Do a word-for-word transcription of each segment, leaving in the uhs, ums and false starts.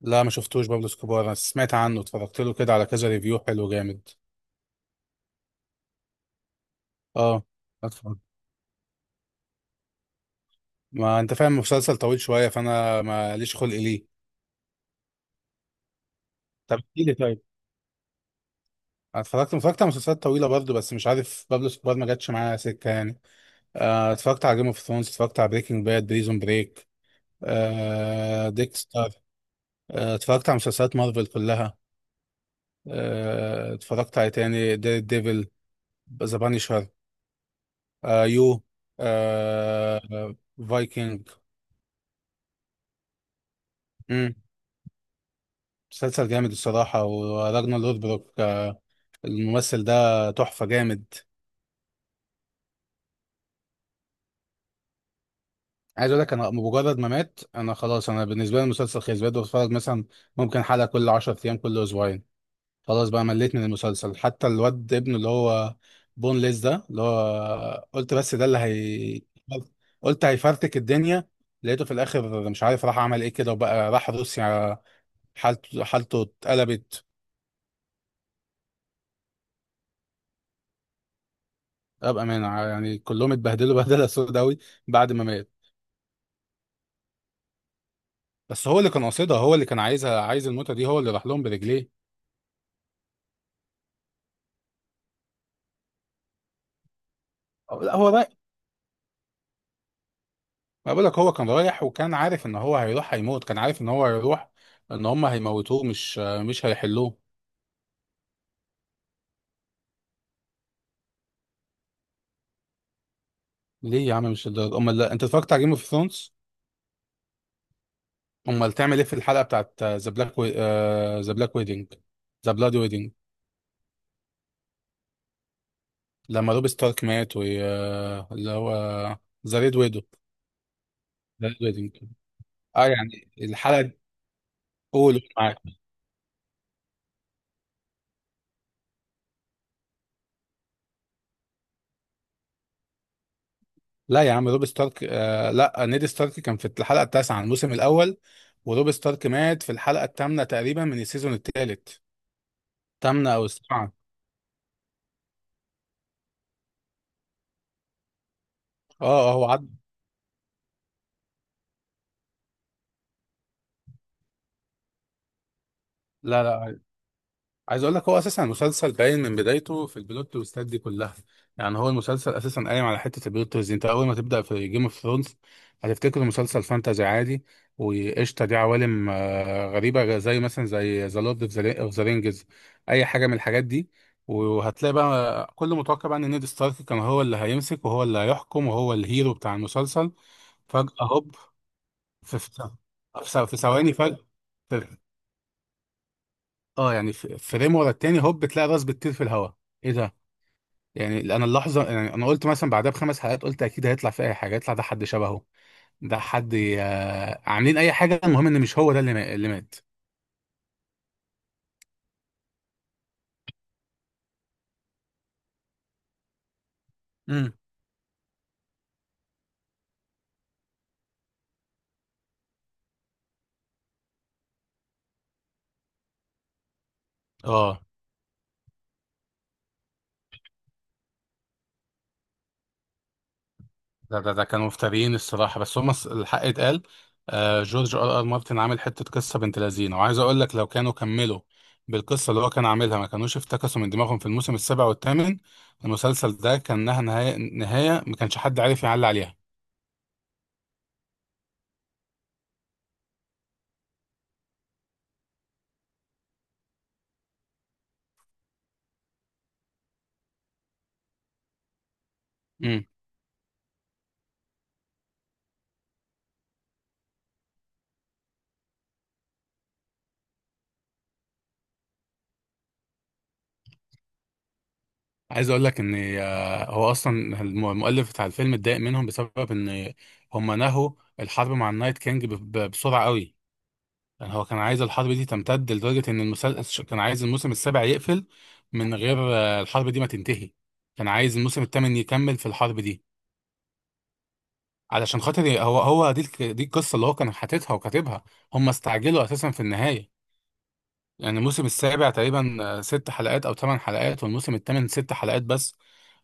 لا، ما شفتوش بابلو اسكوبار. انا سمعت عنه، اتفرجت له كده على كذا ريفيو حلو جامد. اه. اتفرج. ما انت فاهم مسلسل طويل شويه، فانا ما ليش خلق ليه. طب احكي لي طيب. أنا اتفرجت اتفرجت على مسلسلات طويله برضه، بس مش عارف بابلو اسكوبار ما جاتش معايا سكه يعني. آه، اتفرجت على جيم اوف ثرونز، اتفرجت على بريكنج باد، بريزون بريك. آه ديكستر. آه، اتفرجت على مسلسلات مارفل كلها. آه، اتفرجت على إيه تاني، دير ديفل. ذا بانيشر. آه يو. آه فايكنج. مسلسل جامد الصراحة، وراجنا لوثبروك. الممثل ده تحفة جامد. عايز اقول لك، انا مجرد ما مات انا خلاص، انا بالنسبة لي المسلسل خلص، بقيت بتفرج مثلا ممكن حلقة كل عشر ايام، كل اسبوعين. خلاص بقى، مليت من المسلسل حتى الواد ابنه اللي هو بون ليس، ده اللي هو قلت بس ده اللي هي قلت هيفرتك الدنيا. لقيته في الاخر مش عارف راح عمل ايه كده، وبقى راح روسيا. حالته حالته اتقلبت. ابقى مانع يعني، كلهم اتبهدلوا بهدله سوداوي. بعد ما مات. بس هو اللي كان قاصدها، هو اللي كان عايزها، عايز الموتة دي، هو اللي راح لهم برجليه. أو- لا هو رايح. ما بقولك، هو كان رايح وكان عارف ان هو هيروح هيموت، كان عارف ان هو هيروح ان هم هيموتوه، مش مش هيحلوه. ليه يا عم؟ مش الدرجة؟ امال لا انت اتفرجت على جيم اوف ثرونز؟ امال تعمل ايه في الحلقة بتاعت ذا بلاك، ذا بلاك ويدنج، ذا بلاد ويدنج؟ لما روب ستارك مات و آه، اللي هو ذا ريد ويدو، ذا ريد ويدنج. اه يعني الحلقة دي. قول. لا يا عم، روب ستارك آه لا، نيد ستارك كان في الحلقه التاسعه من الموسم الاول، وروب ستارك مات في الحلقه الثامنه تقريبا من السيزون الثالث، ثامنه او السابعه. اه. آه، هو عدى. لا، لا. عايز اقول لك، هو اساسا المسلسل باين من بدايته في البلوت تويستات دي كلها، يعني هو المسلسل اساسا قايم على حته البلوت تويست دي. انت اول ما تبدا في جيم اوف ثرونز هتفتكر مسلسل فانتازي عادي وقشطه، دي عوالم آه، غريبه زي مثلا زي ذا لورد اوف ذا رينجز، اي حاجه من الحاجات دي. وهتلاقي بقى كل متوقع بقى ان نيد ستارك كان هو اللي هيمسك وهو اللي هيحكم وهو الهيرو بتاع المسلسل، فجاه هوب، في في في ثواني فجاه. اه يعني، ف- فريم ورا التاني هوب بتلاقي راس بتطير في الهواء. ايه ده؟ يعني انا اللحظه، يعني انا قلت مثلا بعدها بخمس حلقات، قلت اكيد هيطلع في اي حاجه، يطلع ده حد شبهه، ده حد، آه عاملين اي حاجه، المهم ان مش هو ده اللي ما- اللي مات. امم اه ده ده, ده كانوا مفتريين الصراحه، بس هم الص- الحق اتقال. آه جورج ار ار مارتن عامل حته قصه بنت لذينه، وعايز اقول لك، لو كانوا كملوا بالقصه اللي هو كان عاملها، ما كانوش افتكسوا من دماغهم في الموسم السابع والثامن. المسلسل ده كان لها نهايه، نهايه ما كانش حد عارف يعلي عليها. عايز اقول لك ان آه، هو اصلا الم- المؤلف بتاع الفيلم اتضايق منهم بسبب ان هم نهوا الحرب مع النايت كينج ب- ب- بسرعه قوي. يعني هو كان عايز الحرب دي تمتد، لدرجه ان المسلسل كان عايز الموسم السابع يقفل من غير آه، الحرب دي ما تنتهي. كان عايز الموسم الثامن يكمل في الحرب دي، علشان خاطر ي- هو هو دي الك- دي القصه اللي هو كان حاططها وكاتبها. هم استعجلوا اساسا في النهايه، يعني الموسم السابع تقريبا آه، ست حلقات او ثمان حلقات، والموسم الثامن ست حلقات بس.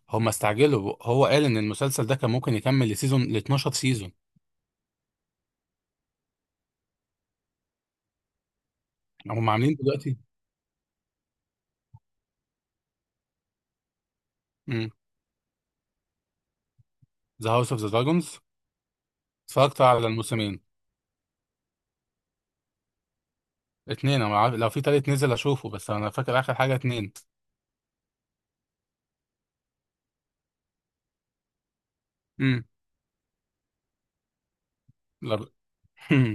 هم استعجلوا. هو قال ان المسلسل ده كان ممكن يكمل لسيزون، ل اتناشر سيزون. هم عاملين دلوقتي ذا هاوس اوف ذا دراجونز. اتفرجت على الموسمين، اتنين انا عارف، لو في تالت نزل اشوفه، بس انا فاكر اخر حاجه اتنين. امم لا.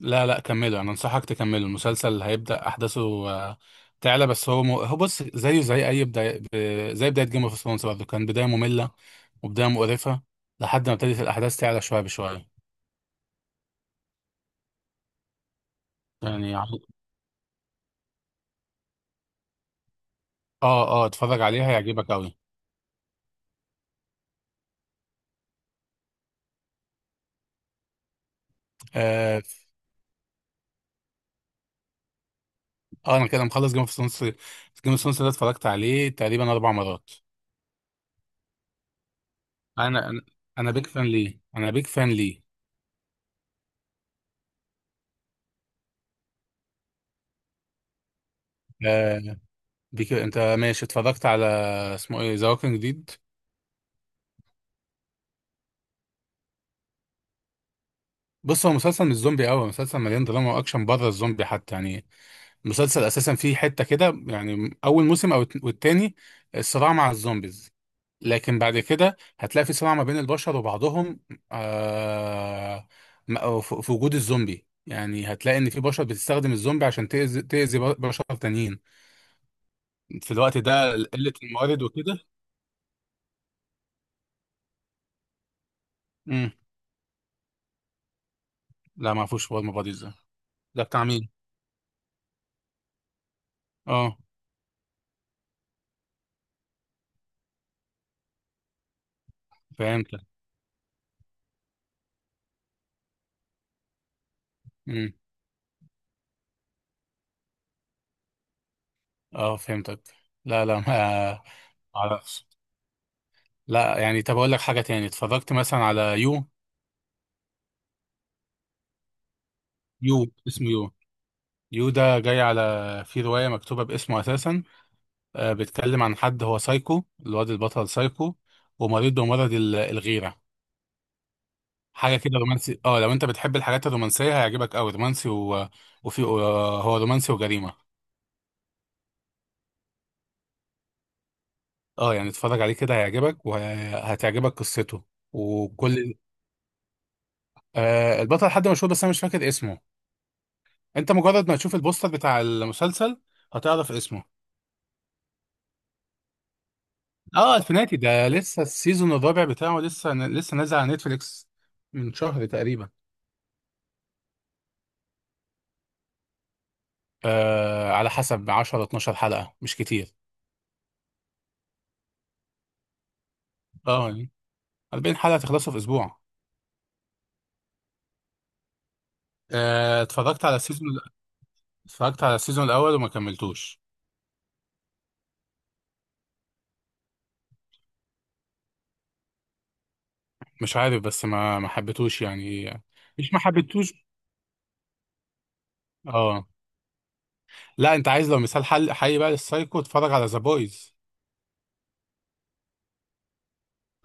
لا، لا، كمله. انا انصحك تكمله، المسلسل هيبدا احداثه آه، تعلى. بس هو م... هو بص زيه زي اي بدايه، ب- زي بدايه جيم اوف ثرونز برضه كان بدايه ممله وبدايه مقرفه، لحد ما ابتدت الاحداث تعلى شويه بشويه. يعني اه، اه اتفرج عليها هيعجبك قوي. اه. آه، انا كده مخلص جيم اوف ثرونز. جيم اوف ثرونز ده اتفرجت عليه تقريبا اربع مرات. انا انا انا بيك فان ليه، انا بيك فان ليه. آه بيك، انت ماشي. اتفرجت على، اسمه ايه، ذا ووكينج ديد. بص هو مسلسل مش زومبي قوي، مسلسل مليان دراما واكشن بره الزومبي حتى يعني. مسلسل اساسا فيه حته كده، يعني اول موسم او الت- والتاني الصراع مع الزومبيز، لكن بعد كده هتلاقي في صراع ما بين البشر وبعضهم، آه م- أو ف- في وجود الزومبي، يعني هتلاقي ان في بشر بتستخدم الزومبي عشان تأذي تأذي ب- بشر تانيين في الوقت ده، قلة الموارد وكده. امم لا ما اعرفوش هو المبادئ ده. ده بتاع مين؟ اه، فهمتك. امم اه، فهمتك. لا، لا، ما ما اعرفش. لا يعني، طب اقول لك حاجه تاني، اتفرجت مثلا على يو. يو، اسمه يو. يو ده جاي على، في رواية مكتوبة باسمه أساسا. آه، بيتكلم عن حد هو سايكو، الواد البطل سايكو ومريض بمرض ال- الغيرة. حاجة كده رومانسي، اه لو انت بتحب الحاجات الرومانسية هيعجبك أوي، رومانسي و... وفي آه، هو رومانسي وجريمة. اه يعني، اتفرج عليه كده هيعجبك وهتعجبك قصته وكل. آه البطل حد مشهور، بس أنا مش فاكر اسمه. انت مجرد ما تشوف البوستر بتاع المسلسل هتعرف اسمه. اه، الفناتي ده لسه السيزون الرابع بتاعه، لسه لسه نازل على نتفليكس من شهر تقريبا. آه على حسب عشر اتناشر حلقة مش كتير. اه يعني، أربعين حلقة تخلصوا في اسبوع. آه اتفرجت على السيزون، اتفرجت على السيزون الاول وما كملتوش. مش عارف بس ما ما حبيتوش يعني. مش ما حبيتوش. اه، لا انت عايز لو مثال حل حي بقى للسايكو، اتفرج على ذا بويز.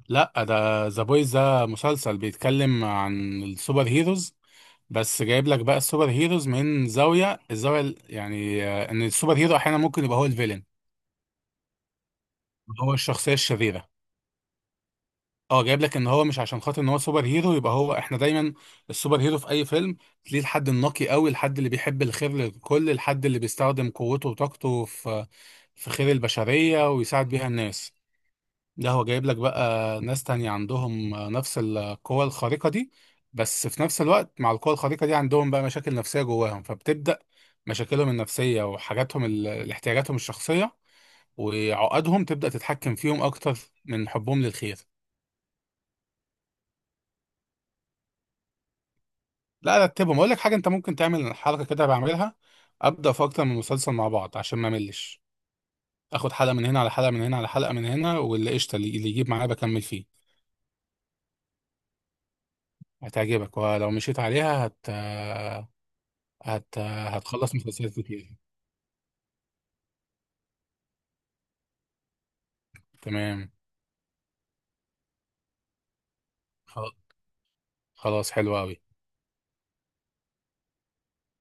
لا، ده ذا بويز ده مسلسل بيتكلم عن السوبر هيروز، بس جايب لك بقى السوبر هيروز من زاوية، الزاوية ال- يعني آه، ان السوبر هيرو احيانا ممكن يبقى هو الفيلن، هو الشخصية الشريرة. اه، جايب لك ان هو مش عشان خاطر ان هو سوبر هيرو يبقى هو، احنا دايما السوبر هيرو في اي فيلم تلاقيه الحد النقي قوي، الحد اللي بيحب الخير للكل، الحد اللي بيستخدم قوته وطاقته في في خير البشرية ويساعد بيها الناس. ده هو جايب لك بقى ناس تانية عندهم نفس القوة الخارقة دي، بس في نفس الوقت مع القوة الخارقة دي عندهم بقى مشاكل نفسية جواهم، فبتبدأ مشاكلهم النفسية وحاجاتهم ال- احتياجاتهم الشخصية وعقدهم تبدأ تتحكم فيهم أكتر من حبهم للخير. لا رتبهم، أقول لك حاجة أنت ممكن تعمل حركة كده بعملها، أبدأ في أكتر من مسلسل مع بعض عشان ما أملش، آخد حلقة من هنا على حلقة من هنا على حلقة من هنا، واللي قشطة اللي اللي يجيب معايا بكمل فيه. هتعجبك، ولو مشيت عليها هت هت... هتخلص مسلسلات كتير. تمام. خ- خلاص، حلو أوي.